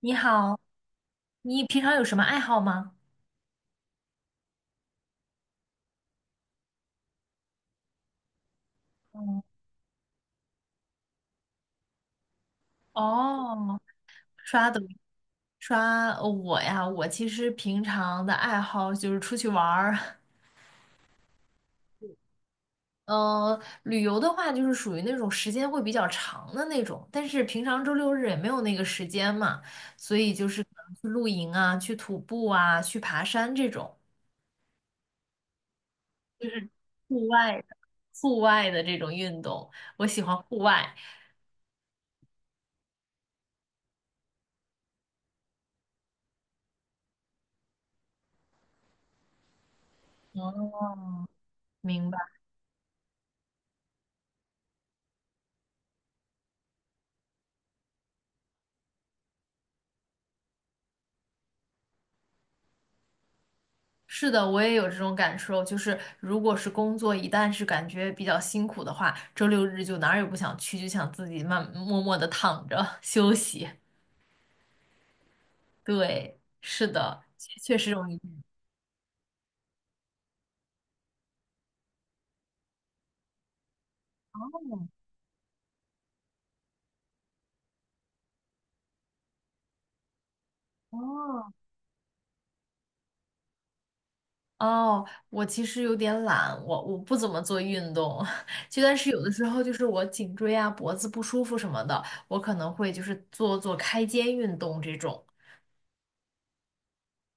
你好，你平常有什么爱好吗？嗯，哦，刷抖音我呀，我其实平常的爱好就是出去玩儿。嗯，旅游的话就是属于那种时间会比较长的那种，但是平常周六日也没有那个时间嘛，所以就是可能去露营啊，去徒步啊，去爬山这种，就是户外的户外的这种运动，我喜欢户外。哦，明白。是的，我也有这种感受，就是如果是工作一旦是感觉比较辛苦的话，周六日就哪儿也不想去，就想自己默默的躺着 休息。对，是的，确实容易。哦，哦，我其实有点懒，我不怎么做运动，就但是有的时候就是我颈椎啊、脖子不舒服什么的，我可能会就是做做开肩运动这种。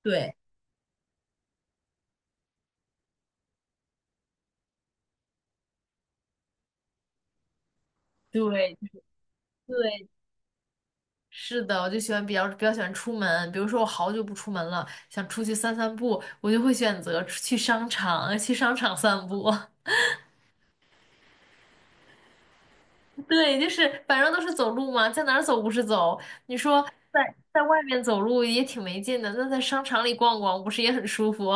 对对对，是的，我就喜欢比较喜欢出门，比如说我好久不出门了，想出去散散步，我就会选择出去商场，去商场散步。对，就是反正都是走路嘛，在哪儿走不是走？你说在外面走路也挺没劲的，那在商场里逛逛不是也很舒服？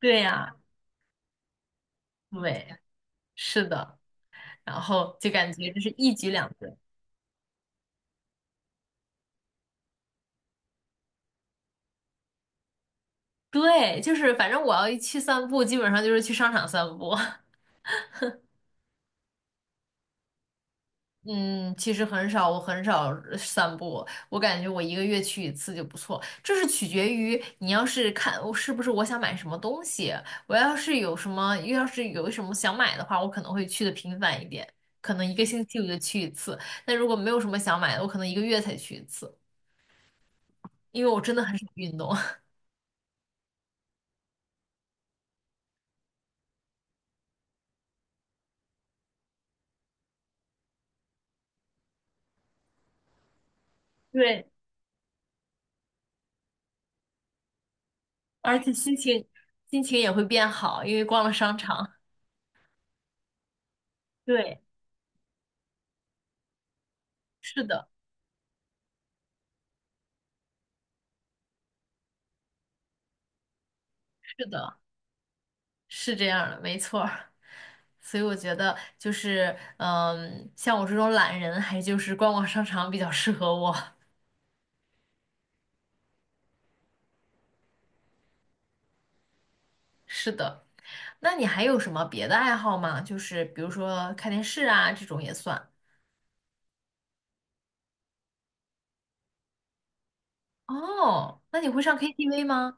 对呀，对，是的，然后就感觉这是一举两得。对，就是反正我要一去散步，基本上就是去商场散步。嗯，其实很少，我很少散步，我感觉我一个月去一次就不错。这是取决于你要是看我是不是我想买什么东西，我要是有什么，要是有什么想买的话，我可能会去的频繁一点，可能一个星期我就去一次。但如果没有什么想买的，我可能一个月才去一次，因为我真的很少运动。对，而且心情也会变好，因为逛了商场。对，是的，是的，是这样的，没错儿。所以我觉得就是，嗯，像我这种懒人，还就是逛逛商场比较适合我。是的，那你还有什么别的爱好吗？就是比如说看电视啊，这种也算。哦，那你会上 KTV 吗？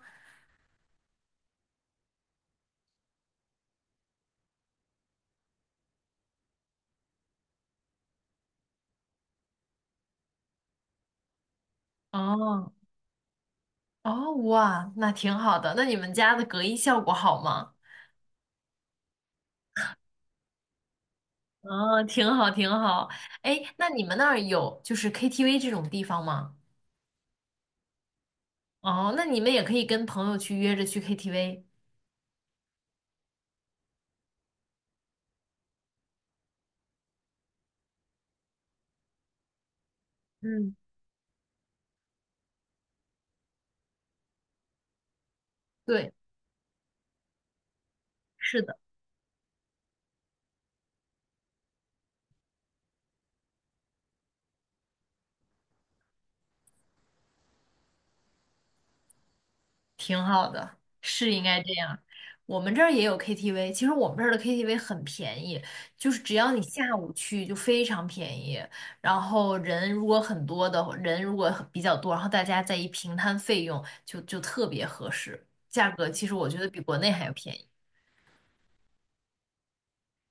哦哦，哇，那挺好的。那你们家的隔音效果好吗？哦，挺好，挺好。哎，那你们那儿有就是 KTV 这种地方吗？哦，那你们也可以跟朋友去约着去 KTV。嗯，对。是的。挺好的，是应该这样。我们这儿也有 KTV，其实我们这儿的 KTV 很便宜，就是只要你下午去就非常便宜。然后人如果很比较多，然后大家再一平摊费用就，特别合适。价格其实我觉得比国内还要便宜。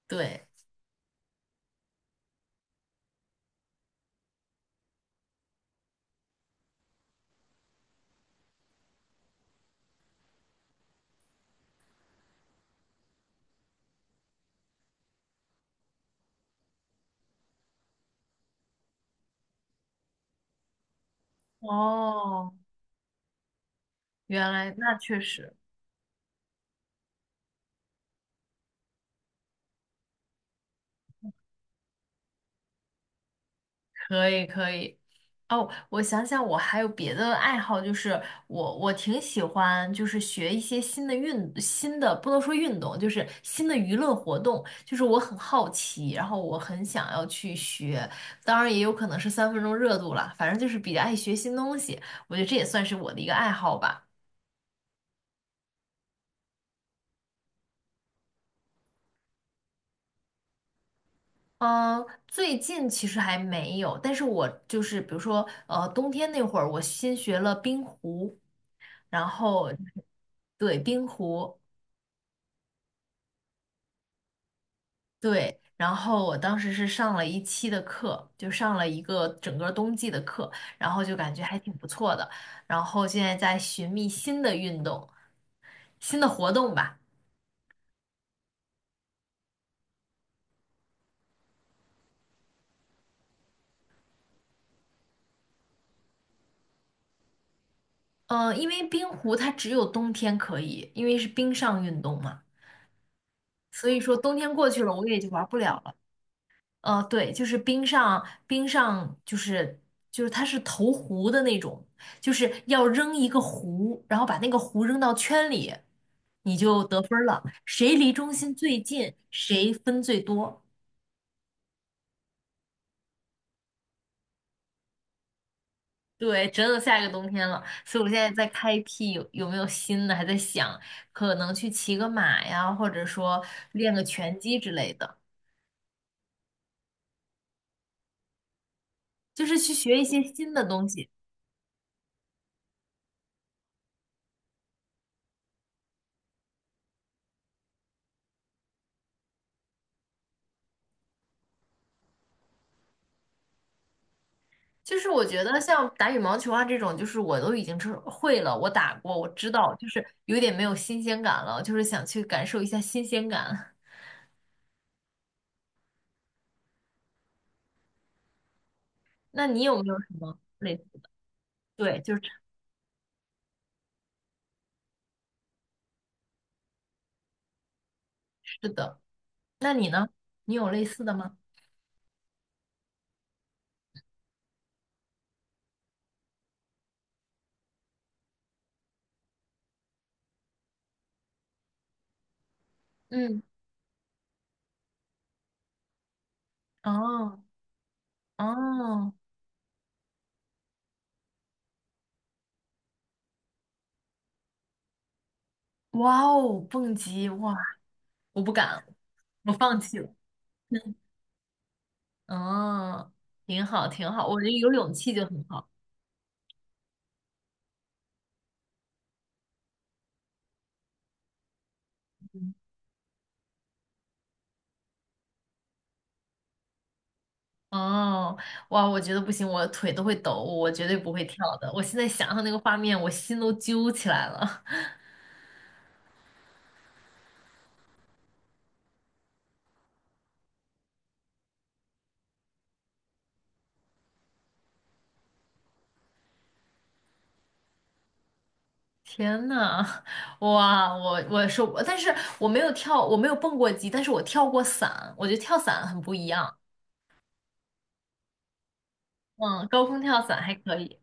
对，哦，原来那确实，可以可以。哦，我想想，我还有别的爱好，就是我挺喜欢，就是学一些新的新的，不能说运动，就是新的娱乐活动。就是我很好奇，然后我很想要去学，当然也有可能是三分钟热度了，反正就是比较爱学新东西。我觉得这也算是我的一个爱好吧。嗯，最近其实还没有，但是我就是比如说，冬天那会儿我新学了冰壶，然后对冰壶，对，然后我当时是上了一期的课，就上了一个整个冬季的课，然后就感觉还挺不错的。然后现在在寻觅新的运动、新的活动吧。嗯，因为冰壶它只有冬天可以，因为是冰上运动嘛，所以说冬天过去了，我也就玩不了了。对，就是冰上就是就是它是投壶的那种，就是要扔一个壶，然后把那个壶扔到圈里，你就得分儿了。谁离中心最近，谁分最多。对，真的下一个冬天了，所以我现在在开辟有没有新的，还在想可能去骑个马呀，或者说练个拳击之类的，就是去学一些新的东西。就是我觉得像打羽毛球啊这种，就是我都已经是会了，我打过，我知道，就是有点没有新鲜感了，就是想去感受一下新鲜感。那你有没有什么类似？对，就是吃的。那你呢？你有类似的吗？嗯，哦，哦，哇哦，蹦极，哇，我不敢，我放弃了。嗯，挺好，挺好，我觉得有勇气就很好。哦，哇，我觉得不行，我腿都会抖，我绝对不会跳的。我现在想想那个画面，我心都揪起来了。天呐，哇，我是，但是我没有跳，我没有蹦过极，但是我跳过伞，我觉得跳伞很不一样。嗯，高空跳伞还可以。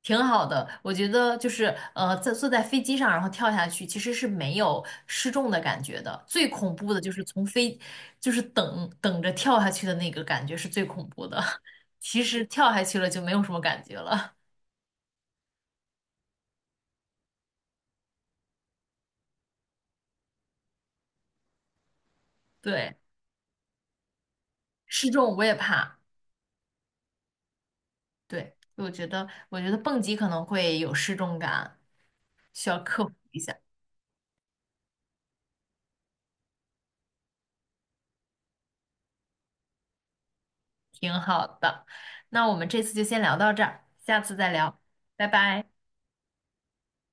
挺好的，我觉得就是在坐在飞机上，然后跳下去，其实是没有失重的感觉的。最恐怖的就是就是等着跳下去的那个感觉是最恐怖的。其实跳下去了就没有什么感觉了。对，失重我也怕。对，我觉得蹦极可能会有失重感，需要克服一下。挺好的，那我们这次就先聊到这儿，下次再聊，拜拜。